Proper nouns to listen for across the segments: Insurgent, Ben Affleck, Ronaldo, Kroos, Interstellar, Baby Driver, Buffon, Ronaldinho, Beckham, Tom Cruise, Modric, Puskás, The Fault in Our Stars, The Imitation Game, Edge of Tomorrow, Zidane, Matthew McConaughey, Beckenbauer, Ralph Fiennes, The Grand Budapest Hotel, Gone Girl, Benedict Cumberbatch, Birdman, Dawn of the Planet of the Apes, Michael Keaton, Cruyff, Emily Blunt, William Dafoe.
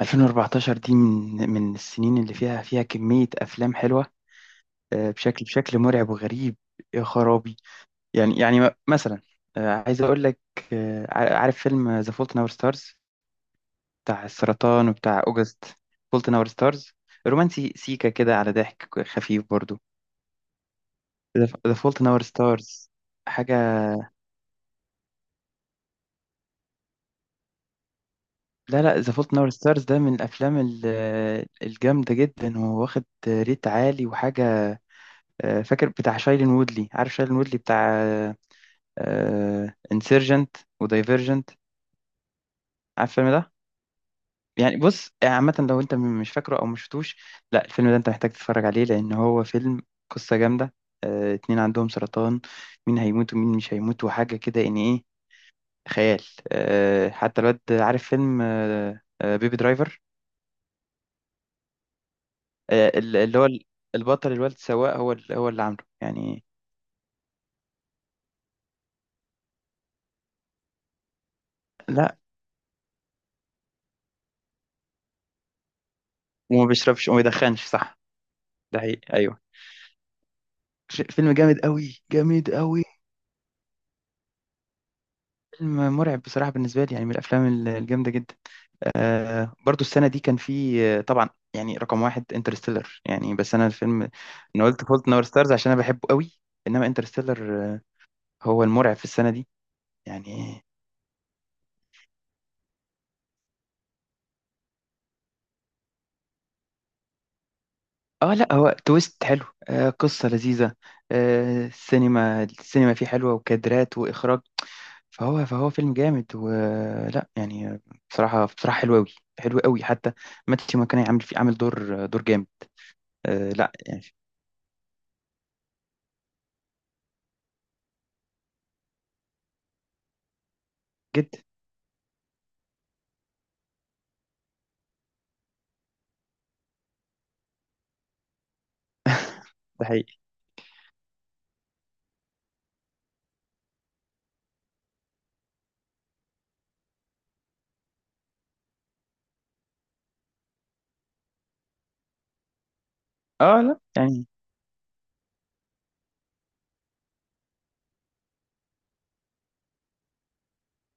2014 دي من السنين اللي فيها كمية أفلام حلوة. بشكل مرعب وغريب. يا خرابي. يعني مثلا. عايز أقول لك. عارف فيلم ذا فولت ناور ستارز، بتاع السرطان وبتاع أوجست؟ فولت ناور ستارز، رومانسي سيكا كده على ضحك خفيف برضو. ذا فولت ناور ستارز، حاجة. لا لا، ذا فولت ناور ستارز ده من الأفلام الجامدة جدا، وواخد ريت عالي وحاجة. فاكر بتاع شايلين وودلي؟ عارف شايلين وودلي بتاع انسيرجنت ودايفرجنت؟ عارف الفيلم ده؟ يعني بص، يعني عامة لو انت مش فاكره او مش شفتوش، لا، الفيلم ده انت محتاج تتفرج عليه، لان هو فيلم قصة جامدة. اتنين عندهم سرطان، مين هيموت ومين مش هيموت وحاجة كده يعني ايه. خيال. حتى الواد، عارف فيلم بيبي درايفر؟ آه، ال- اللي هو ال- البطل الواد سواق، هو اللي عامله، يعني. لا، وما بيشربش وما يدخنش، صح. ده حقيقي، ايوه. فيلم جامد قوي، جامد قوي. فيلم مرعب بصراحة بالنسبة لي، يعني من الأفلام الجامدة جدا. آه، برضو السنة دي كان في، طبعا، يعني رقم واحد انترستيلر. يعني بس أنا الفيلم، أنا قلت فولت نور ستارز عشان أنا بحبه قوي. إنما انترستيلر، آه، هو المرعب في السنة دي، يعني. آه لا، هو تويست حلو، آه، قصة لذيذة. آه، السينما فيه حلوة، وكادرات وإخراج. فهو فيلم جامد، ولا يعني. بصراحة، بصراحة حلو قوي. حلو قوي حتى. ماتيو ماكوني عامل فيه، عامل دور جامد. آه لا يعني. جدا. ده حقيقي. اه لا يعني.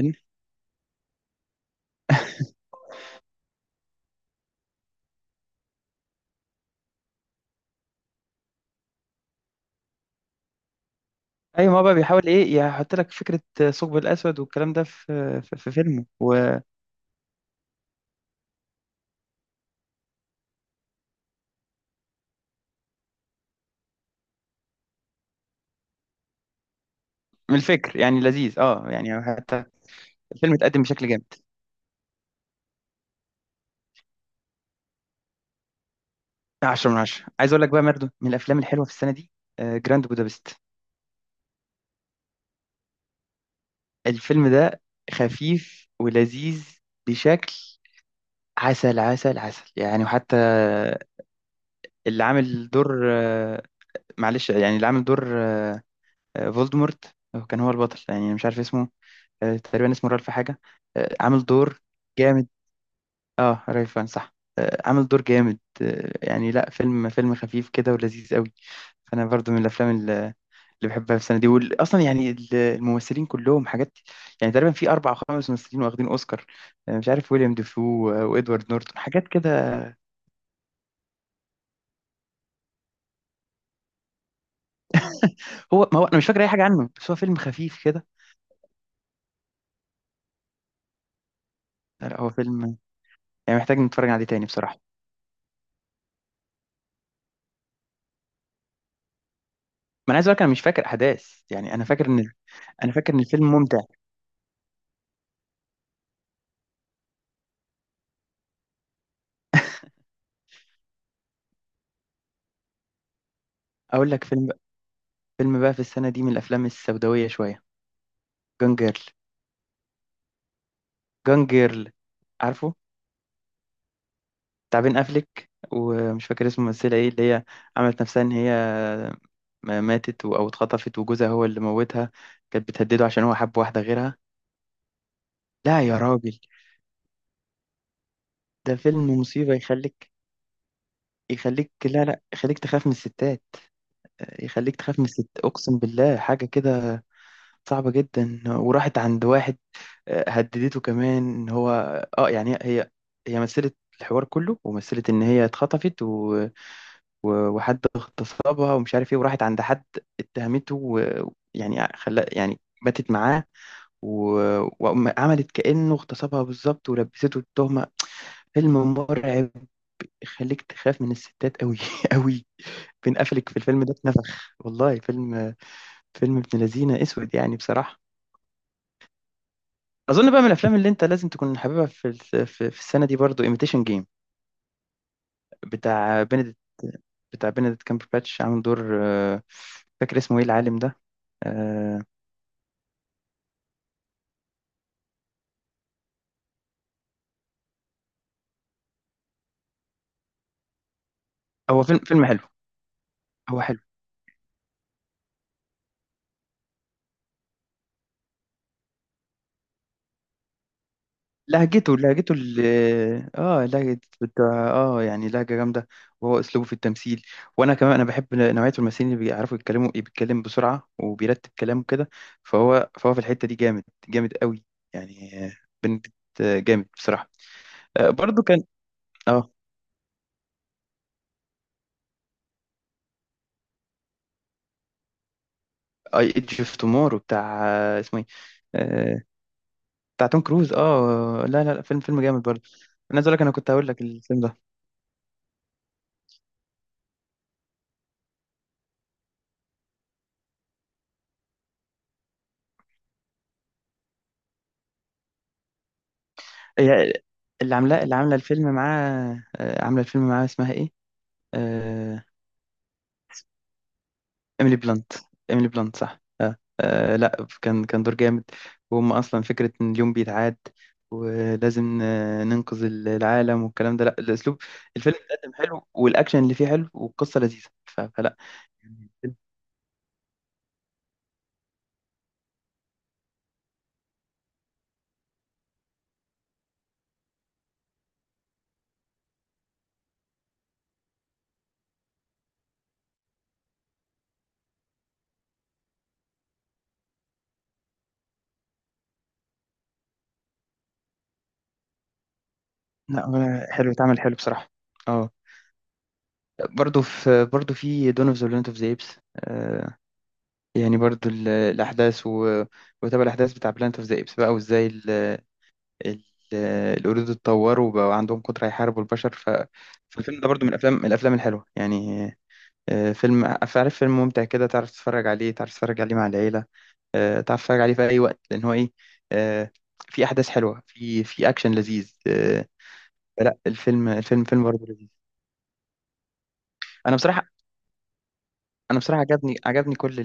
إن- ايوه، ما هو بقى بيحاول ايه، يحط لك فكره ثقب الاسود والكلام ده في فيلمه ومن... الفكر يعني لذيذ، اه يعني حتى الفيلم اتقدم بشكل جامد. 10 من 10. عايز اقول لك بقى مردو من الافلام الحلوه في السنه دي، آه، جراند بودابست. الفيلم ده خفيف ولذيذ بشكل، عسل عسل عسل يعني. وحتى اللي عامل دور، آه، معلش، يعني اللي عامل دور آه، فولدمورت، هو كان هو البطل، يعني مش عارف اسمه. آه، تقريبا اسمه رالف حاجة. آه، عامل دور. جامد اه، رالف فاهن، صح. آه، عامل دور جامد. آه، يعني لا، فيلم خفيف كده ولذيذ قوي. فأنا برضو من الأفلام اللي بحبها في السنة دي. أصلا يعني الممثلين كلهم حاجات. يعني تقريبا في 4 أو 5 ممثلين واخدين أوسكار. آه، مش عارف، ويليام ديفو وإدوارد نورتون حاجات كده. هو، ما هو أنا مش فاكر أي حاجة عنه، بس هو فيلم خفيف كده. لا لا، هو فيلم يعني محتاج نتفرج عليه تاني بصراحة. ما أنا عايز أقول لك، أنا مش فاكر أحداث، يعني أنا فاكر إن، أنا فاكر إن الفيلم ممتع. أقول لك فيلم، فيلم بقى في السنة دي من الأفلام السوداوية شوية، جون جيرل. جون جيرل، عارفه؟ بتاع بين أفليك، ومش فاكر اسم الممثلة ايه، اللي هي عملت نفسها ان هي ماتت او اتخطفت، وجوزها هو اللي موتها، كانت بتهدده عشان هو حب واحدة غيرها. لا يا راجل، ده فيلم مصيبة يخليك، يخليك، لا لا، يخليك تخاف من الستات. يخليك تخاف من الست، اقسم بالله حاجة كده صعبة جدا. وراحت عند واحد، آه، هددته كمان ان هو، اه يعني هي مثلت الحوار كله ومثلت ان هي اتخطفت، و... و... وحد اغتصبها ومش عارف ايه، وراحت عند حد اتهمته، ويعني خلا، يعني باتت معاه، و... وعملت كأنه اغتصبها بالظبط، ولبسته التهمة. فيلم مرعب، يخليك تخاف من الستات قوي قوي. بين قفلك في الفيلم ده اتنفخ، والله فيلم، فيلم ابن لذينة، اسود يعني بصراحة. اظن بقى من الافلام اللي انت لازم تكون حاببها في في السنه دي، برضو، ايميتيشن جيم، بتاع بنديكت، بتاع بنديكت كامبرباتش. عامل دور، آه، فاكر اسمه ايه العالم ده؟ آه، هو فيلم حلو. هو حلو. لهجته اه لهجة بتاع، اه يعني لهجة جامدة. وهو اسلوبه في التمثيل، وانا كمان انا بحب نوعية الممثلين اللي بيعرفوا يتكلموا، بيتكلم بسرعة وبيرتب كلامه كده. فهو في الحتة دي جامد، جامد قوي، يعني آه، بنديكت، آه، جامد بصراحة. آه، برضو كان... اه اي ايدج اوف تومورو، بتاع آه، اسمه ايه، آه، بتاع توم كروز. اه لا لا لا، فيلم جامد برضه. انا عايز اقول لك، انا كنت هقول لك الفيلم ده. هي اللي عاملاه، اللي عامله الفيلم معاه، آه، عامله الفيلم معاه، اسمها ايه، آه، ايميلي بلانت. ايميلي بلانت، صح. آه. آه لا، كان دور جامد. وهم اصلا فكره ان اليوم بيتعاد، ولازم آه، ننقذ العالم والكلام ده. لا، الاسلوب، الفيلم اتقدم حلو، والاكشن اللي فيه حلو، والقصه لذيذه، ف- فلا يعني الفيلم... لا هو حلو، اتعمل حلو بصراحه. اه، برضو في، برضو في دون اوف ذا بلانت اوف ذا ايبس. يعني برضو الاحداث وتابع الاحداث بتاع بلانت اوف ذا ايبس بقى، وازاي ال- القرود اتطوروا وبقوا عندهم قدرة يحاربوا البشر. ف... فالفيلم ده برضو من الافلام، من الافلام الحلوه يعني. آه، فيلم عارف، فيلم ممتع كده. تعرف تتفرج عليه، تعرف تتفرج عليه مع العيله. آه، تعرف تتفرج عليه في اي وقت، لان هو ايه، آه، في احداث حلوه، في اكشن لذيذ، آه، لا، الفيلم، الفيلم برضو لذيذ. انا بصراحه، انا بصراحه عجبني كل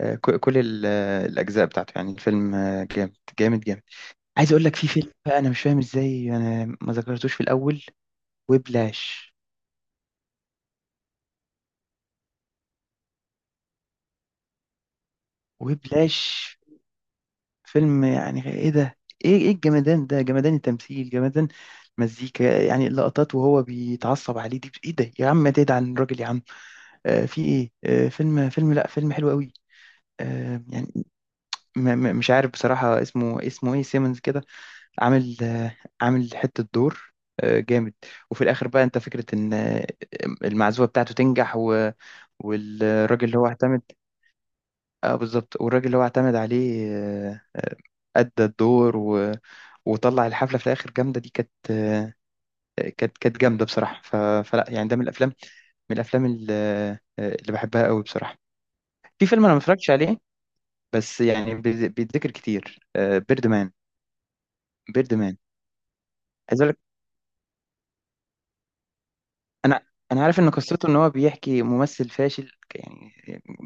آه، كل الأجزاء بتاعته. يعني الفيلم آه، جامد جامد جامد. عايز أقول لك في فيلم بقى، أنا مش فاهم إزاي أنا ما ذكرتوش في الأول، وبلاش. وبلاش فيلم يعني إيه ده، إيه الجمدان ده، جمدان التمثيل، جمدان مزيكا، يعني اللقطات وهو بيتعصب عليه دي إيه ده، يا عم تدعي عن الراجل يا عم. آه، في إيه، آه، فيلم، فيلم، لأ فيلم حلو قوي. آه، يعني مش عارف بصراحة، اسمه إيه، سيمنز كده. عامل آه، عامل حتة دور، آه، جامد. وفي الآخر بقى أنت فكرة إن آه، المعزوفة بتاعته تنجح، و... والراجل اللي هو اعتمد... اه بالظبط، والراجل اللي هو اعتمد عليه، آه، أدى الدور، و... وطلع الحفلة في الآخر جامدة. دي كانت آه، كانت جامدة بصراحة. ف... فلا يعني ده من الأفلام، من الأفلام اللي بحبها قوي بصراحة. في فيلم أنا ما اتفرجتش عليه، بس يعني بيتذكر كتير، بيرد مان. بيرد مان. انا، انا عارف ان قصته، ان هو بيحكي ممثل فاشل، يعني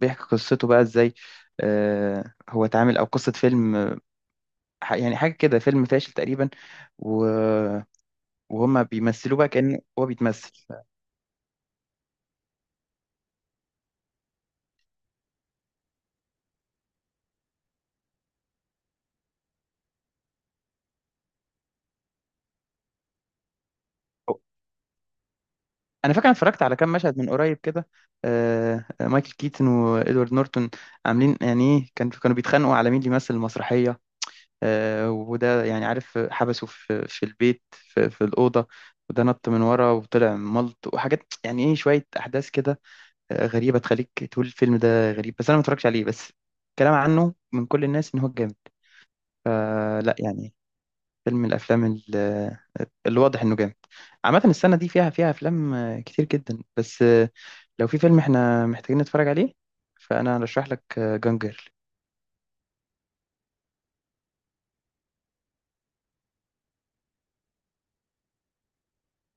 بيحكي قصته بقى ازاي آه، هو اتعامل او قصة فيلم آه، يعني حاجة كده، فيلم فاشل تقريبا، و... وهما بيمثلوه بقى كأنه هو بيتمثل. انا فاكر أنا اتفرجت على كام مشهد من قريب كده. آه آه، مايكل كيتن وادوارد نورتون عاملين يعني إيه، كان، كانوا بيتخانقوا على مين اللي يمثل المسرحية، آه، وده يعني عارف حبسه في البيت، في الأوضة، وده نط من ورا وطلع ملط وحاجات يعني ايه، شوية أحداث كده آه، غريبة، تخليك تقول الفيلم ده غريب. بس أنا ما اتفرجتش عليه، بس كلام عنه من كل الناس إن هو جامد. آه، لا يعني، فيلم من الأفلام اللي واضح إنه جامد. عامة السنة دي فيها أفلام آه، كتير جدا، بس آه، لو في فيلم إحنا محتاجين نتفرج عليه، فأنا أرشح لك جانجر.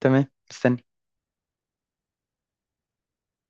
تمام. مستني.